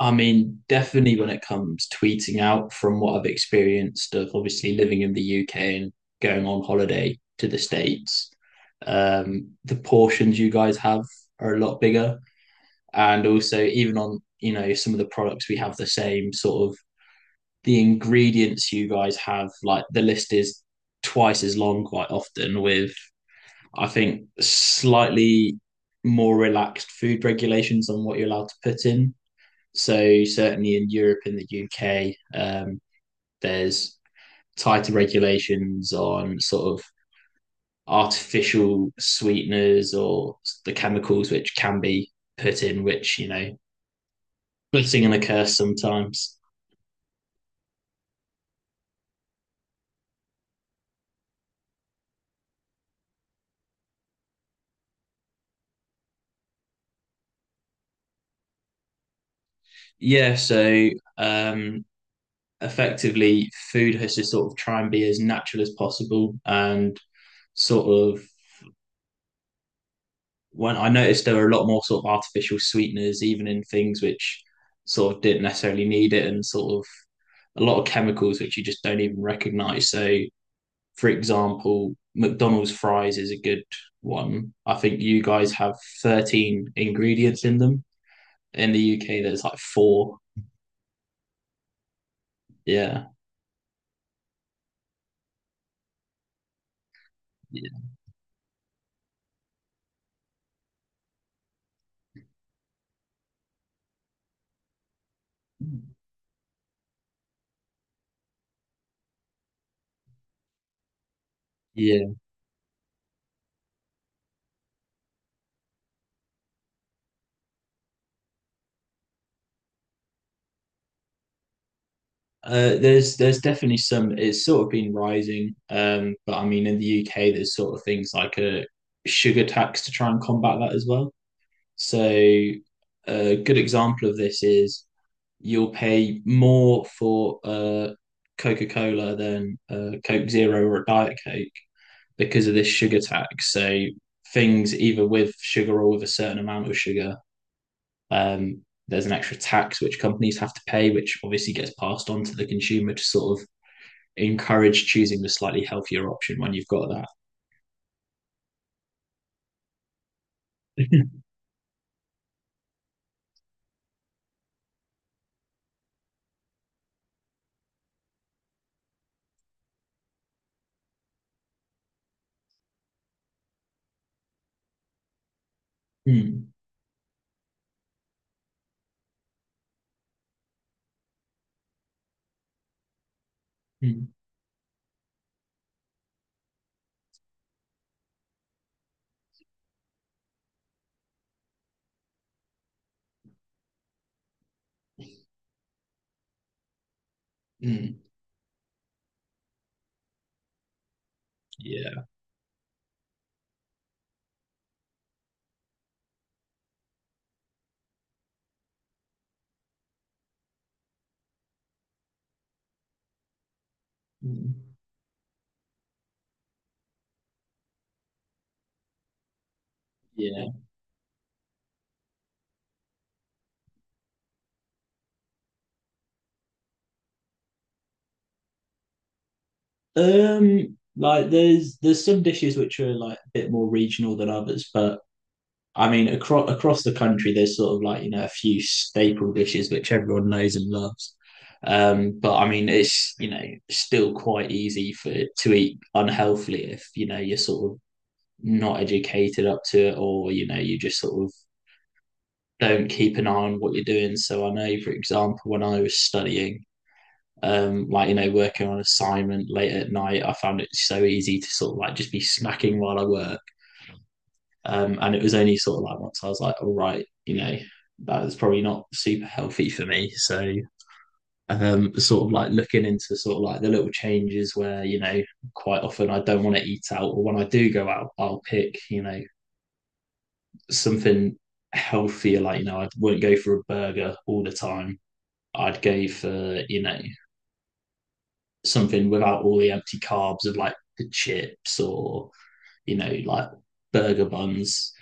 I mean, definitely when it comes tweeting out from what I've experienced of obviously living in the UK and going on holiday to the States, the portions you guys have are a lot bigger. And also, even on, you know, some of the products, we have the same sort of the ingredients you guys have, like the list is twice as long quite often with, I think, slightly more relaxed food regulations on what you're allowed to put in. So certainly in Europe and the UK, there's tighter regulations on sort of artificial sweeteners or the chemicals which can be put in, which, you know, blessing and a curse sometimes. Yeah, so um, effectively, food has to sort of try and be as natural as possible, and sort of when I noticed there were a lot more sort of artificial sweeteners, even in things which sort of didn't necessarily need it, and sort of a lot of chemicals which you just don't even recognize. So, for example, McDonald's fries is a good one. I think you guys have 13 ingredients in them. In the UK, there's like four. Yeah. Yeah. Yeah. There's definitely some, it's sort of been rising. But I mean, in the UK there's sort of things like a sugar tax to try and combat that as well. So a good example of this is you'll pay more for a Coca-Cola than a Coke Zero or a Diet Coke because of this sugar tax. So things either with sugar or with a certain amount of sugar, um, there's an extra tax which companies have to pay, which obviously gets passed on to the consumer to sort of encourage choosing the slightly healthier option when you've got that. Mm, mm, mm. Yeah. Mm. Yeah. Like there's some dishes which are like a bit more regional than others, but I mean, across the country there's sort of like, you know, a few staple dishes which everyone knows and loves. But I mean, it's, you know, still quite easy for to eat unhealthily if, you know, you're sort of not educated up to it, or, you know, you just sort of don't keep an eye on what you're doing. So I know, for example, when I was studying, like, you know, working on assignment late at night, I found it so easy to sort of like just be snacking while I work. And it was only sort of like once I was like, all right, you know, that was probably not super healthy for me. So sort of like looking into sort of like the little changes where, you know, quite often I don't want to eat out, or when I do go out I'll pick, you know, something healthier. Like, you know, I wouldn't go for a burger all the time. I'd go for, you know, something without all the empty carbs of like the chips or, you know, like burger buns.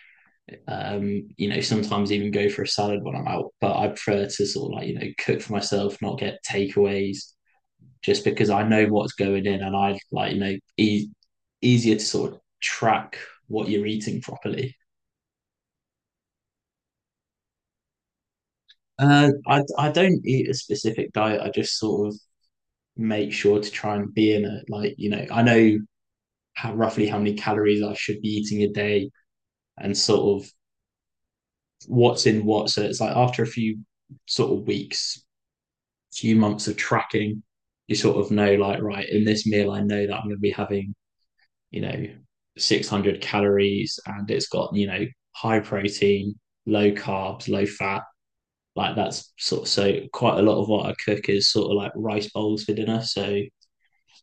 You know, sometimes even go for a salad when I'm out, but I prefer to sort of like, you know, cook for myself, not get takeaways, just because I know what's going in, and I like, you know, easier to sort of track what you're eating properly. I don't eat a specific diet. I just sort of make sure to try and be in it. Like, you know, I know how, roughly how many calories I should be eating a day, and sort of what's in what. So it's like after a few sort of weeks, few months of tracking, you sort of know like, right, in this meal, I know that I'm going to be having, you know, 600 calories, and it's got, you know, high protein, low carbs, low fat. Like, that's sort of, so quite a lot of what I cook is sort of like rice bowls for dinner. So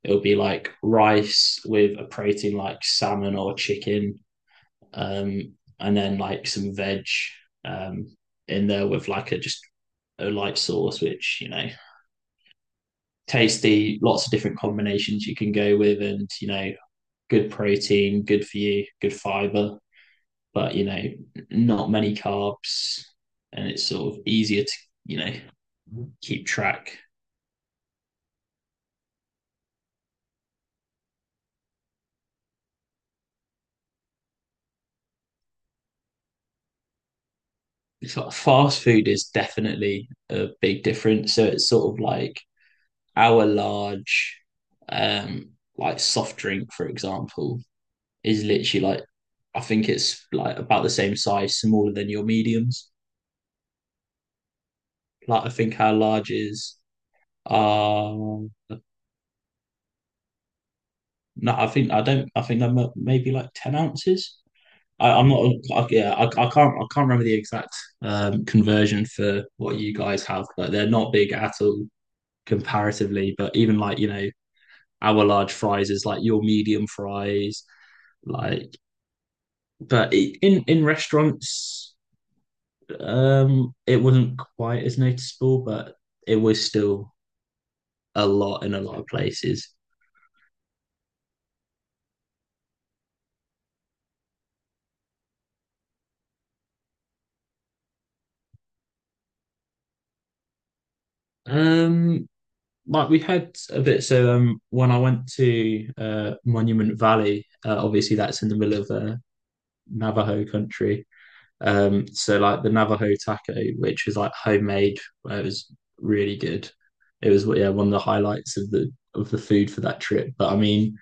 it'll be like rice with a protein like salmon or chicken, um, and then like some veg, um, in there with like a just a light sauce, which, you know, tasty. Lots of different combinations you can go with, and, you know, good protein, good for you, good fiber, but, you know, not many carbs, and it's sort of easier to, you know, keep track. It's like fast food is definitely a big difference. So it's sort of like our large, um like soft drink for example, is literally like, I think it's like about the same size, smaller than your mediums. Like, I think our large is uh no, I think I don't I think they're maybe like 10 ounces. I, I'm not I, yeah, I can't remember the exact conversion for what you guys have, but they're not big at all comparatively. But even like, you know, our large fries is like your medium fries, like, but in restaurants, it wasn't quite as noticeable, but it was still a lot in a lot of places. Um, like, we had a bit. So when I went to Monument Valley, obviously that's in the middle of Navajo country. So like the Navajo taco, which was like homemade, it was really good. It was, yeah, one of the highlights of the food for that trip. But I mean,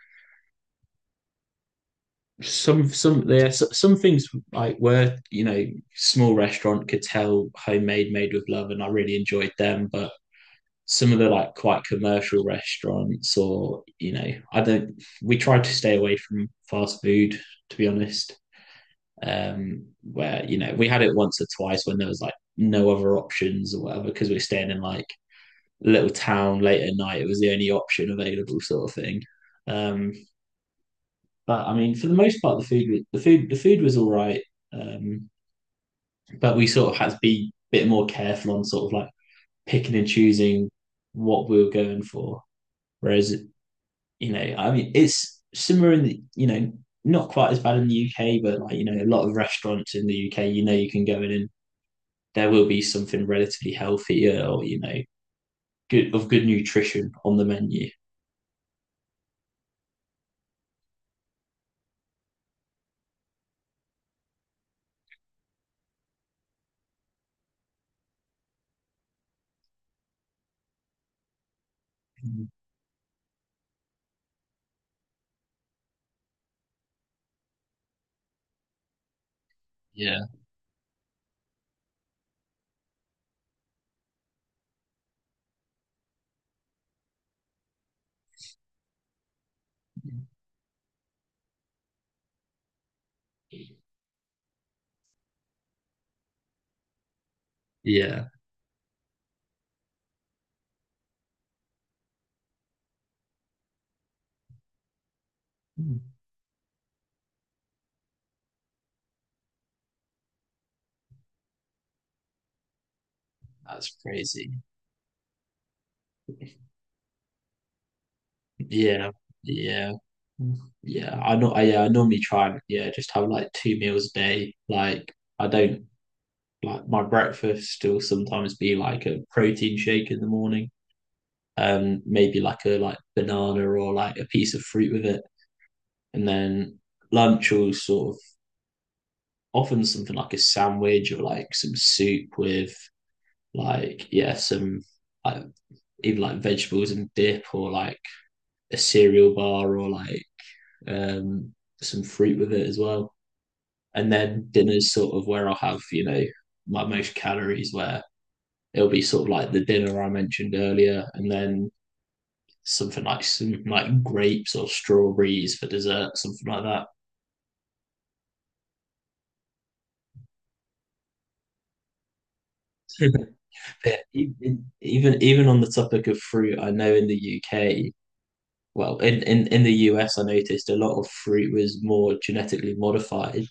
some things like were, you know, small restaurant, could tell homemade, made with love, and I really enjoyed them. But some of the like quite commercial restaurants, or, you know, I don't, we tried to stay away from fast food, to be honest. Where, you know, we had it once or twice when there was like no other options or whatever, because we're staying in like a little town late at night, it was the only option available, sort of thing. um but I mean, for the most part, the food was all right. Um, but we sort of had to be a bit more careful on sort of like picking and choosing what we were going for. Whereas, you know, I mean, it's similar in the, you know, not quite as bad in the UK, but like, you know, a lot of restaurants in the UK, you know, you can go in and there will be something relatively healthier, or, you know, good of good nutrition on the menu. Yeah. Yeah. That's crazy. Yeah, yeah, yeah. I know. I normally try and, yeah, just have like 2 meals a day. Like, I don't, like my breakfast will sometimes be like a protein shake in the morning, maybe like a like banana or like a piece of fruit with it, and then lunch will sort of often something like a sandwich or like some soup with like, yeah, some like either like vegetables and dip, or like a cereal bar, or like, um, some fruit with it as well. And then dinner's sort of where I'll have, you know, my most calories, where it'll be sort of like the dinner I mentioned earlier, and then something like some like grapes or strawberries for dessert, something like that. Even on the topic of fruit, I know in the UK, well, in the US, I noticed a lot of fruit was more genetically modified,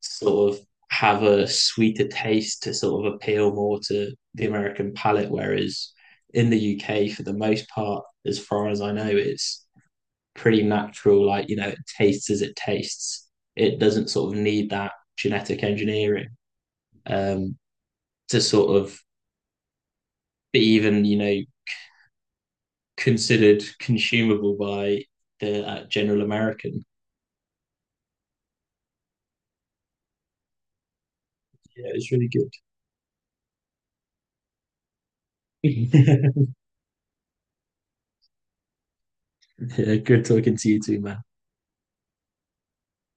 sort of have a sweeter taste to sort of appeal more to the American palate. Whereas in the UK, for the most part, as far as I know, it's pretty natural. Like, you know, it tastes as it tastes. It doesn't sort of need that genetic engineering, um, to sort of be even, you know, considered consumable by the general American. Yeah, it was really good. Yeah, good talking to you too, man.